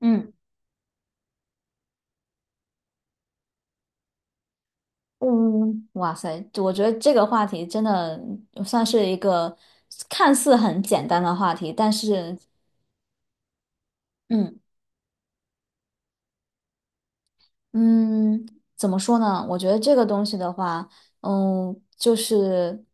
嗯嗯，哇塞，我觉得这个话题真的算是一个看似很简单的话题，但是，嗯嗯，怎么说呢？我觉得这个东西的话，就是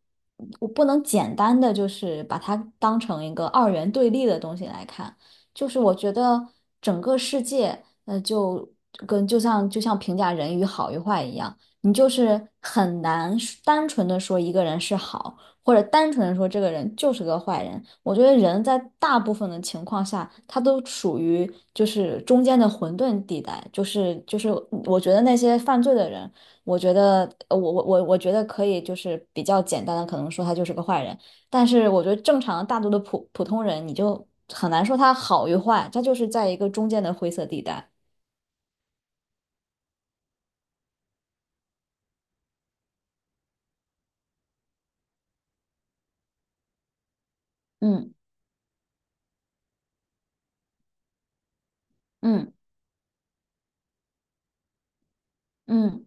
我不能简单的就是把它当成一个二元对立的东西来看，就是我觉得整个世界，就跟就像就像评价人与好与坏一样，你就是很难单纯的说一个人是好。或者单纯的说这个人就是个坏人。我觉得人在大部分的情况下，他都属于就是中间的混沌地带，就是我觉得那些犯罪的人，我觉得我觉得可以就是比较简单的可能说他就是个坏人，但是我觉得正常大多的普普通人，你就很难说他好与坏，他就是在一个中间的灰色地带。嗯嗯嗯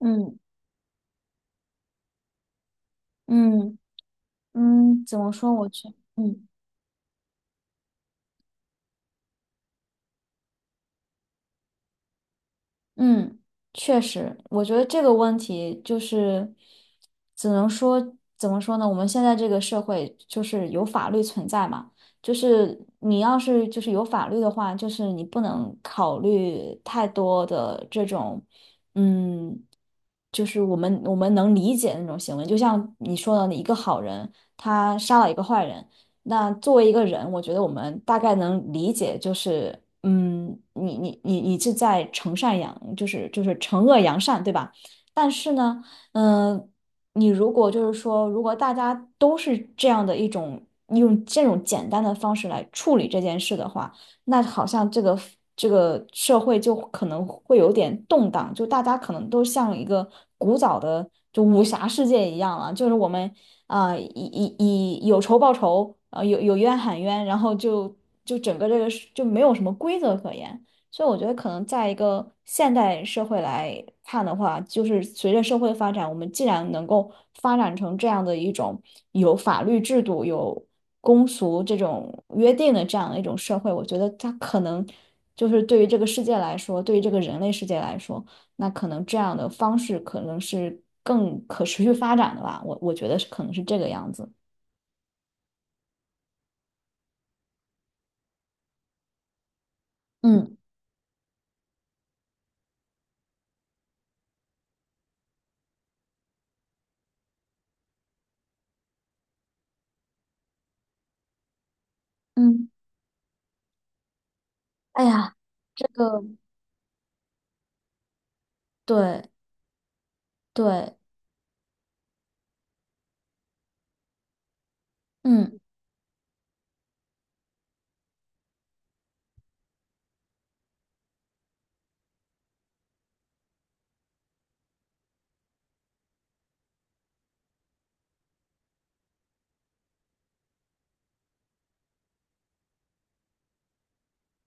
嗯嗯嗯，怎么说？我去，嗯。嗯，确实，我觉得这个问题就是，只能说怎么说呢？我们现在这个社会就是有法律存在嘛，就是你要是就是有法律的话，就是你不能考虑太多的这种，嗯，就是我们能理解的那种行为。就像你说的，一个好人他杀了一个坏人，那作为一个人，我觉得我们大概能理解，就是，你是在惩善扬，就是惩恶扬善，对吧？但是呢，嗯、你如果就是说，如果大家都是这样的一种用这种简单的方式来处理这件事的话，那好像这个社会就可能会有点动荡，就大家可能都像一个古早的就武侠世界一样了，就是我们以有仇报仇，啊有冤喊冤，然后就整个这个是就没有什么规则可言。所以我觉得，可能在一个现代社会来看的话，就是随着社会发展，我们既然能够发展成这样的一种有法律制度、有公俗这种约定的这样的一种社会，我觉得它可能就是对于这个世界来说，对于这个人类世界来说。那可能这样的方式可能是更可持续发展的吧，我觉得是可能是这个样子。嗯嗯，哎呀，这个对对，嗯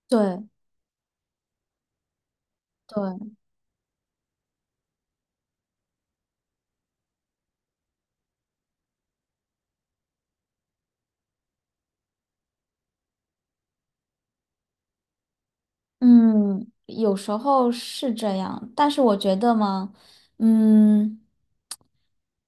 对对，嗯，有时候是这样，但是我觉得嘛，嗯。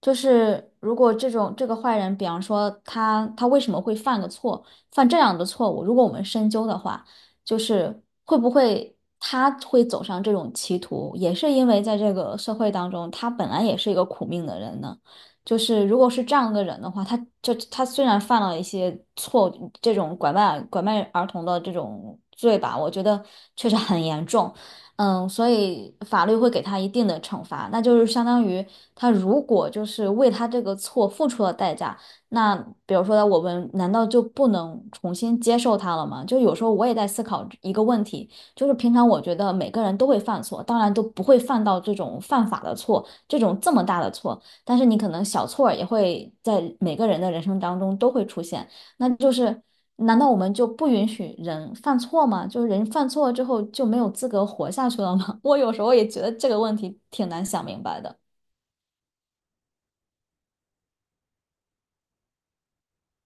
就是如果这种这个坏人，比方说他为什么会犯个错，犯这样的错误，如果我们深究的话，就是会不会他会走上这种歧途，也是因为在这个社会当中，他本来也是一个苦命的人呢。就是如果是这样的人的话，他虽然犯了一些错，这种拐卖儿童的这种罪吧，我觉得确实很严重。所以法律会给他一定的惩罚，那就是相当于他如果就是为他这个错付出了代价，那比如说我们难道就不能重新接受他了吗？就有时候我也在思考一个问题，就是平常我觉得每个人都会犯错，当然都不会犯到这种犯法的错，这种这么大的错，但是你可能小错儿也会在每个人的人生当中都会出现。那就是，难道我们就不允许人犯错吗？就是人犯错之后就没有资格活下去了吗？我有时候也觉得这个问题挺难想明白的。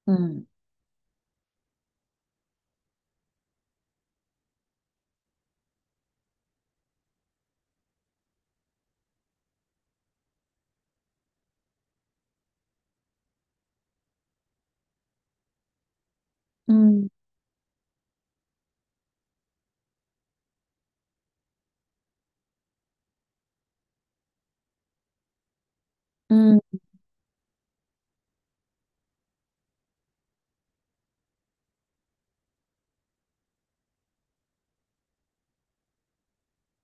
嗯嗯嗯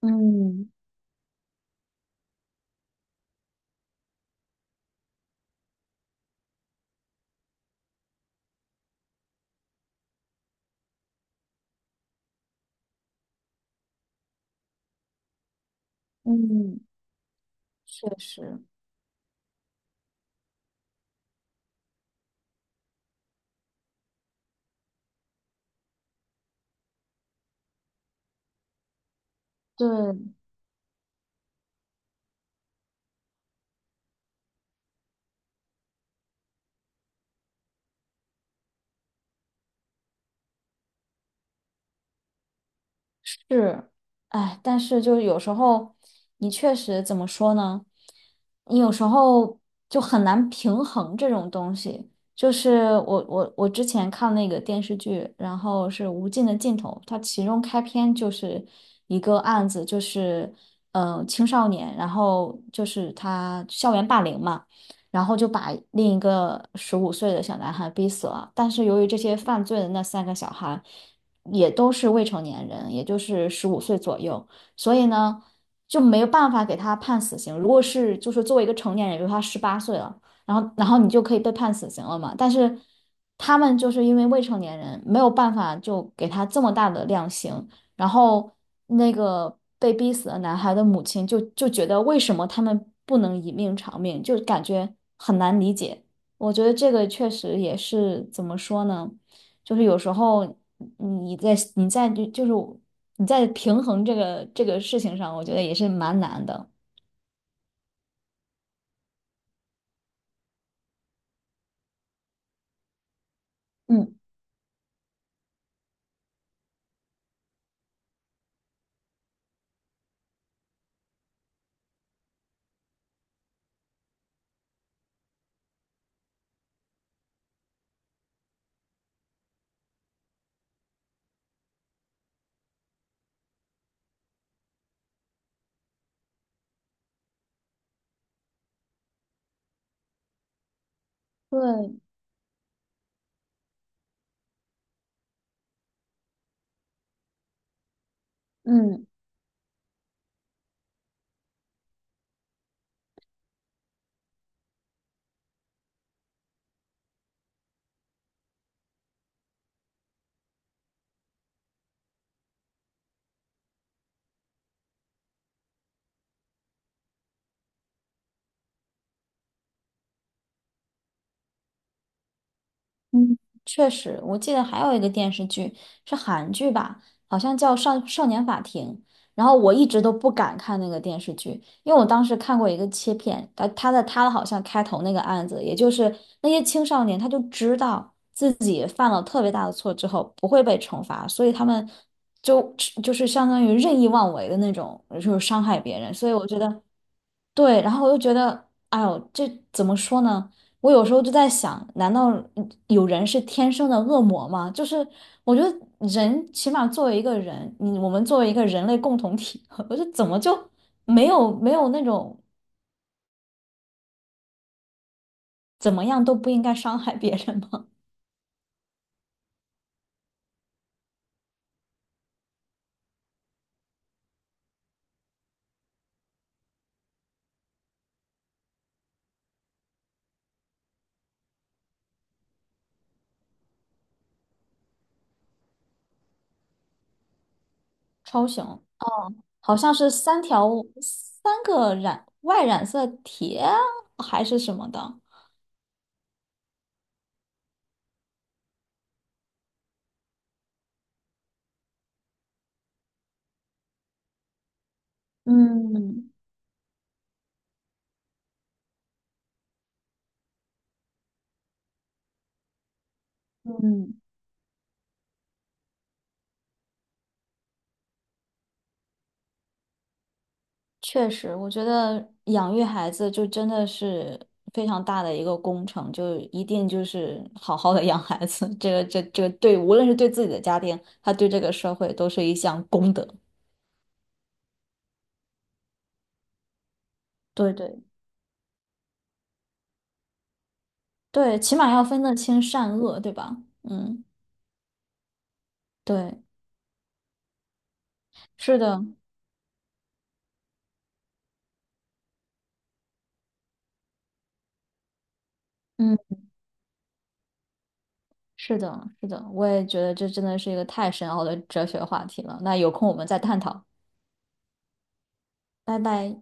嗯嗯，确实。对，是，哎，但是就是有时候，你确实怎么说呢？你有时候就很难平衡这种东西。就是我之前看那个电视剧，然后是《无尽的尽头》，它其中开篇就是一个案子，就是青少年，然后就是他校园霸凌嘛，然后就把另一个十五岁的小男孩逼死了。但是由于这些犯罪的那三个小孩。也都是未成年人，也就是十五岁左右，所以呢，就没有办法给他判死刑。如果是就是作为一个成年人，比如他18岁了，然后你就可以被判死刑了嘛。但是他们就是因为未成年人，没有办法就给他这么大的量刑。然后那个被逼死的男孩的母亲就觉得为什么他们不能以命偿命，就感觉很难理解。我觉得这个确实也是怎么说呢？就是有时候你在你在就就是你在平衡这个事情上，我觉得也是蛮难的。嗯。对，嗯。嗯，确实，我记得还有一个电视剧是韩剧吧，好像叫《少年法庭》。然后我一直都不敢看那个电视剧，因为我当时看过一个切片，他好像开头那个案子，也就是那些青少年，他就知道自己犯了特别大的错之后不会被惩罚，所以他们就就是相当于任意妄为的那种，就是伤害别人。所以我觉得。对，然后我就觉得，哎呦，这怎么说呢？我有时候就在想，难道有人是天生的恶魔吗？就是我觉得人起码作为一个人，我们作为一个人类共同体，我就怎么就没有那种怎么样都不应该伤害别人吗？超雄好像是三个染色体啊还是什么的，嗯。嗯，确实，我觉得养育孩子就真的是非常大的一个工程，就一定就是好好的养孩子，这个对，无论是对自己的家庭，他对这个社会都是一项功德。对对对，起码要分得清善恶，对吧？嗯，对，是的，嗯，是的，是的，我也觉得这真的是一个太深奥的哲学话题了。那有空我们再探讨，拜拜。